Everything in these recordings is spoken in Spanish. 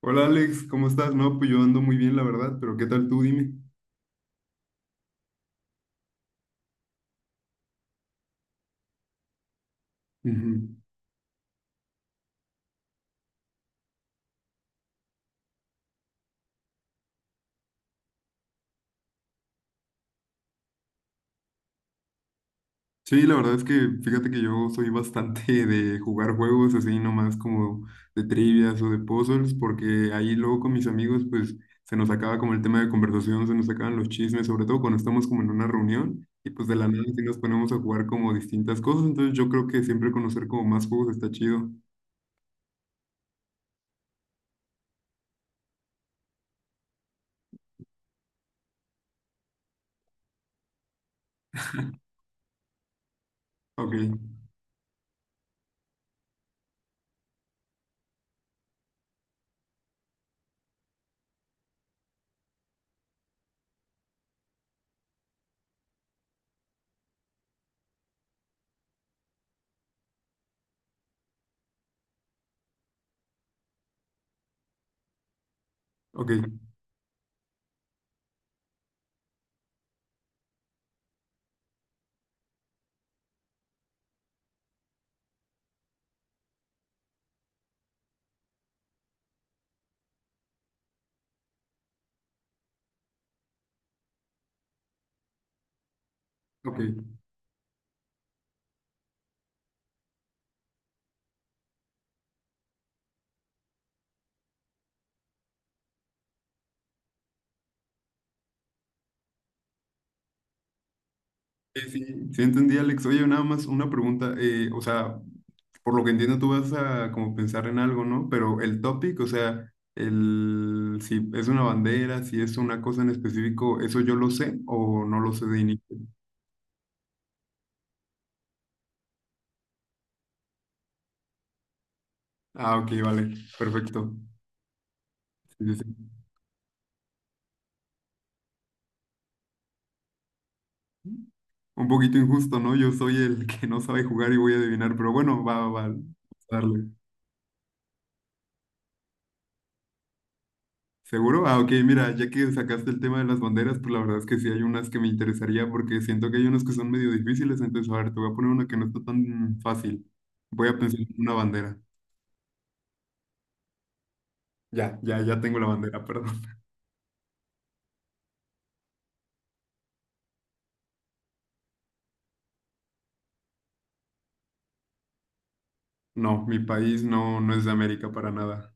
Hola Alex, ¿cómo estás? No, pues yo ando muy bien, la verdad, pero ¿qué tal tú? Dime. Ujú. Sí, la verdad es que fíjate que yo soy bastante de jugar juegos así nomás como de trivias o de puzzles, porque ahí luego con mis amigos pues se nos acaba como el tema de conversación, se nos acaban los chismes, sobre todo cuando estamos como en una reunión y pues de la nada sí nos ponemos a jugar como distintas cosas, entonces yo creo que siempre conocer como más juegos está chido. Ok, ok, ok. Sí, sí, sí entendí, Alex. Oye, nada más una pregunta. O sea, por lo que entiendo, tú vas a como pensar en algo, ¿no? Pero el topic, o sea, el, si es una bandera, si es una cosa en específico, ¿eso yo lo sé o no lo sé de inicio? Ah, ok, vale, perfecto. Sí, sí, sí. Un poquito injusto, ¿no? Yo soy el que no sabe jugar y voy a adivinar, pero bueno, va, va, va. Darle. ¿Seguro? Ah, ok, mira, ya que sacaste el tema de las banderas, pues la verdad es que sí hay unas que me interesaría porque siento que hay unas que son medio difíciles, entonces a ver, te voy a poner una que no está tan fácil. Voy a pensar en una bandera. Ya, ya, ya tengo la bandera, perdón. No, mi país no, no es de América para nada.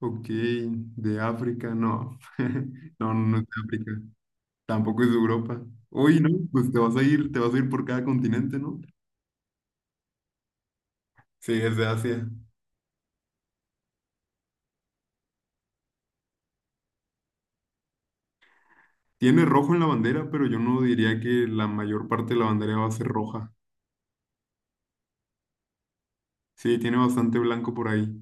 Ok, de África, no. No, no es de África. Tampoco es de Europa. Uy, ¿no? Pues te vas a ir, te vas a ir por cada continente, ¿no? Sí, es de Asia. Tiene rojo en la bandera, pero yo no diría que la mayor parte de la bandera va a ser roja. Sí, tiene bastante blanco por ahí.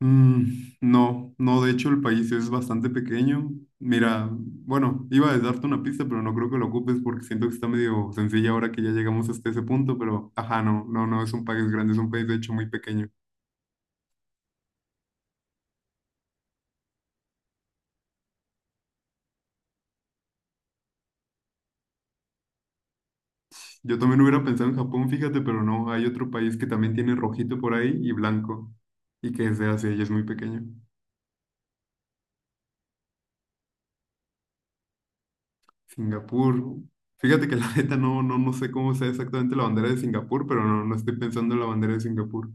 Mm, no, no, de hecho el país es bastante pequeño. Mira, bueno, iba a darte una pista, pero no creo que lo ocupes porque siento que está medio sencilla ahora que ya llegamos hasta ese punto, pero ajá, no, no, no es un país grande, es un país de hecho muy pequeño. Yo también hubiera pensado en Japón, fíjate, pero no, hay otro país que también tiene rojito por ahí y blanco y que es de Asia y es muy pequeño. Singapur. Fíjate que la neta no, no, no sé cómo sea exactamente la bandera de Singapur, pero no, no estoy pensando en la bandera de Singapur.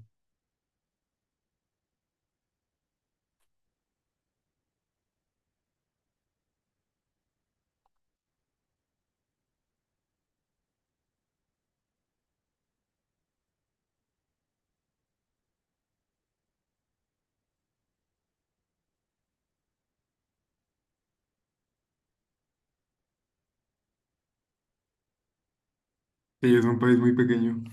Sí, es un país muy pequeño.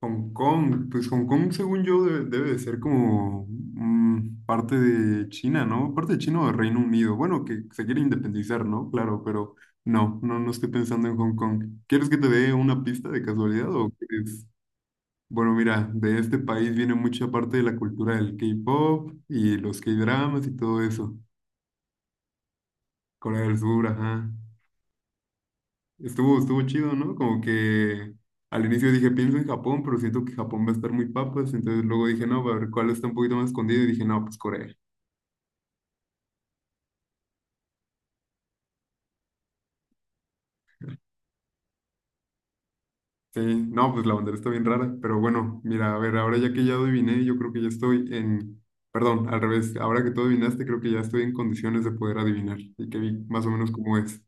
Hong Kong, pues Hong Kong, según yo, debe de ser como parte de China, ¿no? Parte de China o de Reino Unido. Bueno, que se quiere independizar, ¿no? Claro, pero no, no, no estoy pensando en Hong Kong. ¿Quieres que te dé una pista de casualidad o quieres? Bueno, mira, de este país viene mucha parte de la cultura del K-pop y los K-dramas y todo eso. Corea del Sur, ajá. Estuvo, estuvo chido, ¿no? Como que al inicio dije, pienso en Japón, pero siento que Japón va a estar muy papas. Entonces luego dije, no, a ver cuál está un poquito más escondido. Y dije, no, pues Corea. Sí, no, pues la bandera está bien rara. Pero bueno, mira, a ver, ahora ya que ya adiviné, yo creo que ya estoy en... Perdón, al revés. Ahora que tú adivinaste, creo que ya estoy en condiciones de poder adivinar. Y que vi más o menos cómo es.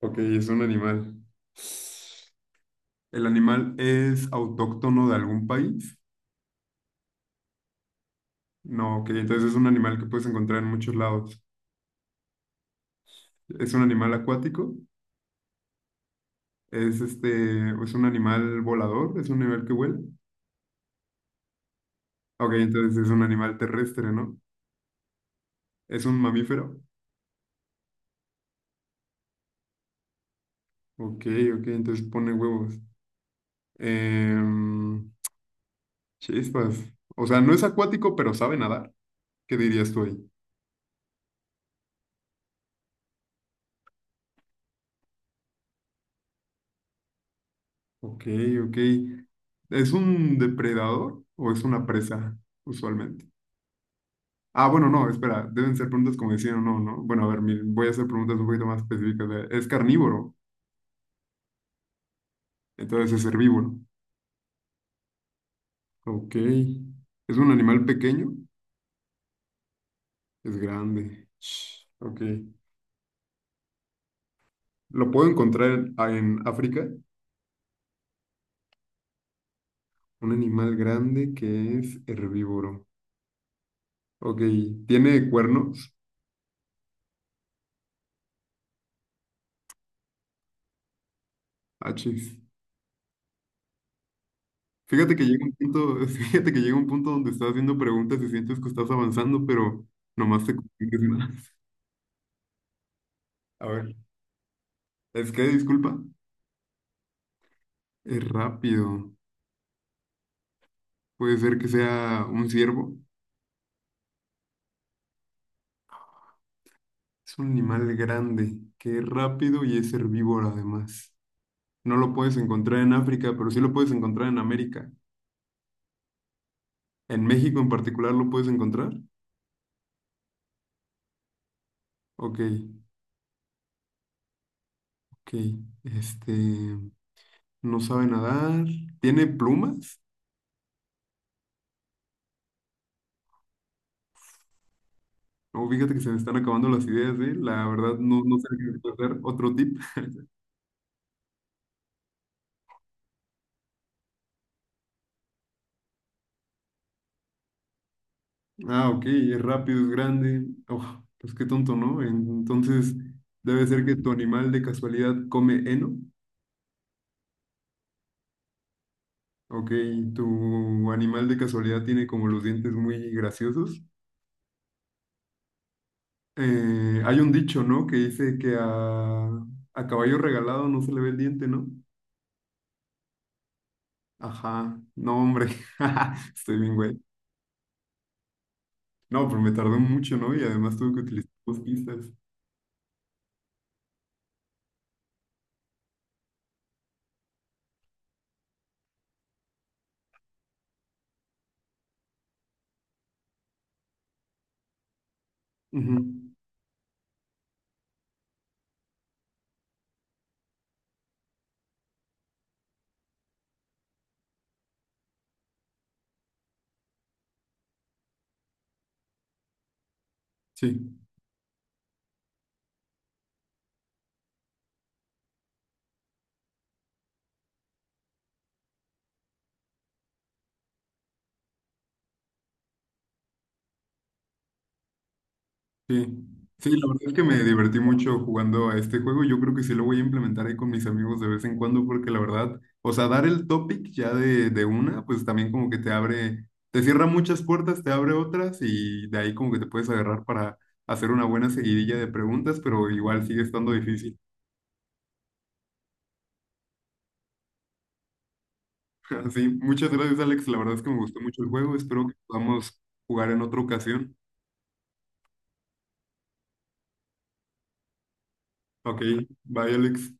Ok, es un animal. ¿El animal es autóctono de algún país? No, ok, entonces es un animal que puedes encontrar en muchos lados. Es un animal acuático, es este, es un animal volador, es un animal que vuela. Ok, entonces es un animal terrestre, ¿no? Es un mamífero. Ok, ok, entonces pone huevos. Em, Chispas. O sea, no es acuático, pero sabe nadar. ¿Qué dirías tú ahí? Ok, ok. ¿Es un depredador o es una presa, usualmente? Ah, bueno, no, espera, deben ser preguntas como decían o no, ¿no? Bueno, a ver, voy a hacer preguntas un poquito más específicas. Es carnívoro, entonces es herbívoro. Ok. ¿Es un animal pequeño? Es grande. Sh, ok. ¿Lo puedo encontrar en, ah, en África? Un animal grande que es herbívoro. Ok. ¿Tiene cuernos? Achis. Fíjate que llega un punto, fíjate que llega un punto donde estás haciendo preguntas y sientes que estás avanzando, pero nomás te confundes más. A ver. ¿Es que, disculpa? Es rápido. Puede ser que sea un ciervo. Es un animal grande, que es rápido y es herbívoro además. No lo puedes encontrar en África, pero sí lo puedes encontrar en América. En México en particular lo puedes encontrar. Ok, ok. Este, no sabe nadar. ¿Tiene plumas? No, fíjate que se me están acabando las ideas, ¿eh? La verdad no, no sé qué puede ser. Otro tip. Ah, ok, es rápido, es grande. Oh, pues qué tonto, ¿no? Entonces, debe ser que tu animal de casualidad come heno. Ok, tu animal de casualidad tiene como los dientes muy graciosos. Hay un dicho, ¿no? Que dice que a caballo regalado no se le ve el diente, ¿no? Ajá, no, hombre, estoy bien, güey. No, pero me tardé mucho, ¿no? Y además tuve que utilizar 2 pistas. Ujú, sí. Sí, sí, la verdad es que me divertí mucho jugando a este juego. Yo creo que sí lo voy a implementar ahí con mis amigos de vez en cuando, porque la verdad, o sea, dar el topic ya de una, pues también como que te abre, te cierra muchas puertas, te abre otras y de ahí como que te puedes agarrar para hacer una buena seguidilla de preguntas, pero igual sigue estando difícil. Así, muchas gracias, Alex. La verdad es que me gustó mucho el juego. Espero que podamos jugar en otra ocasión. Ok, bye, Alex.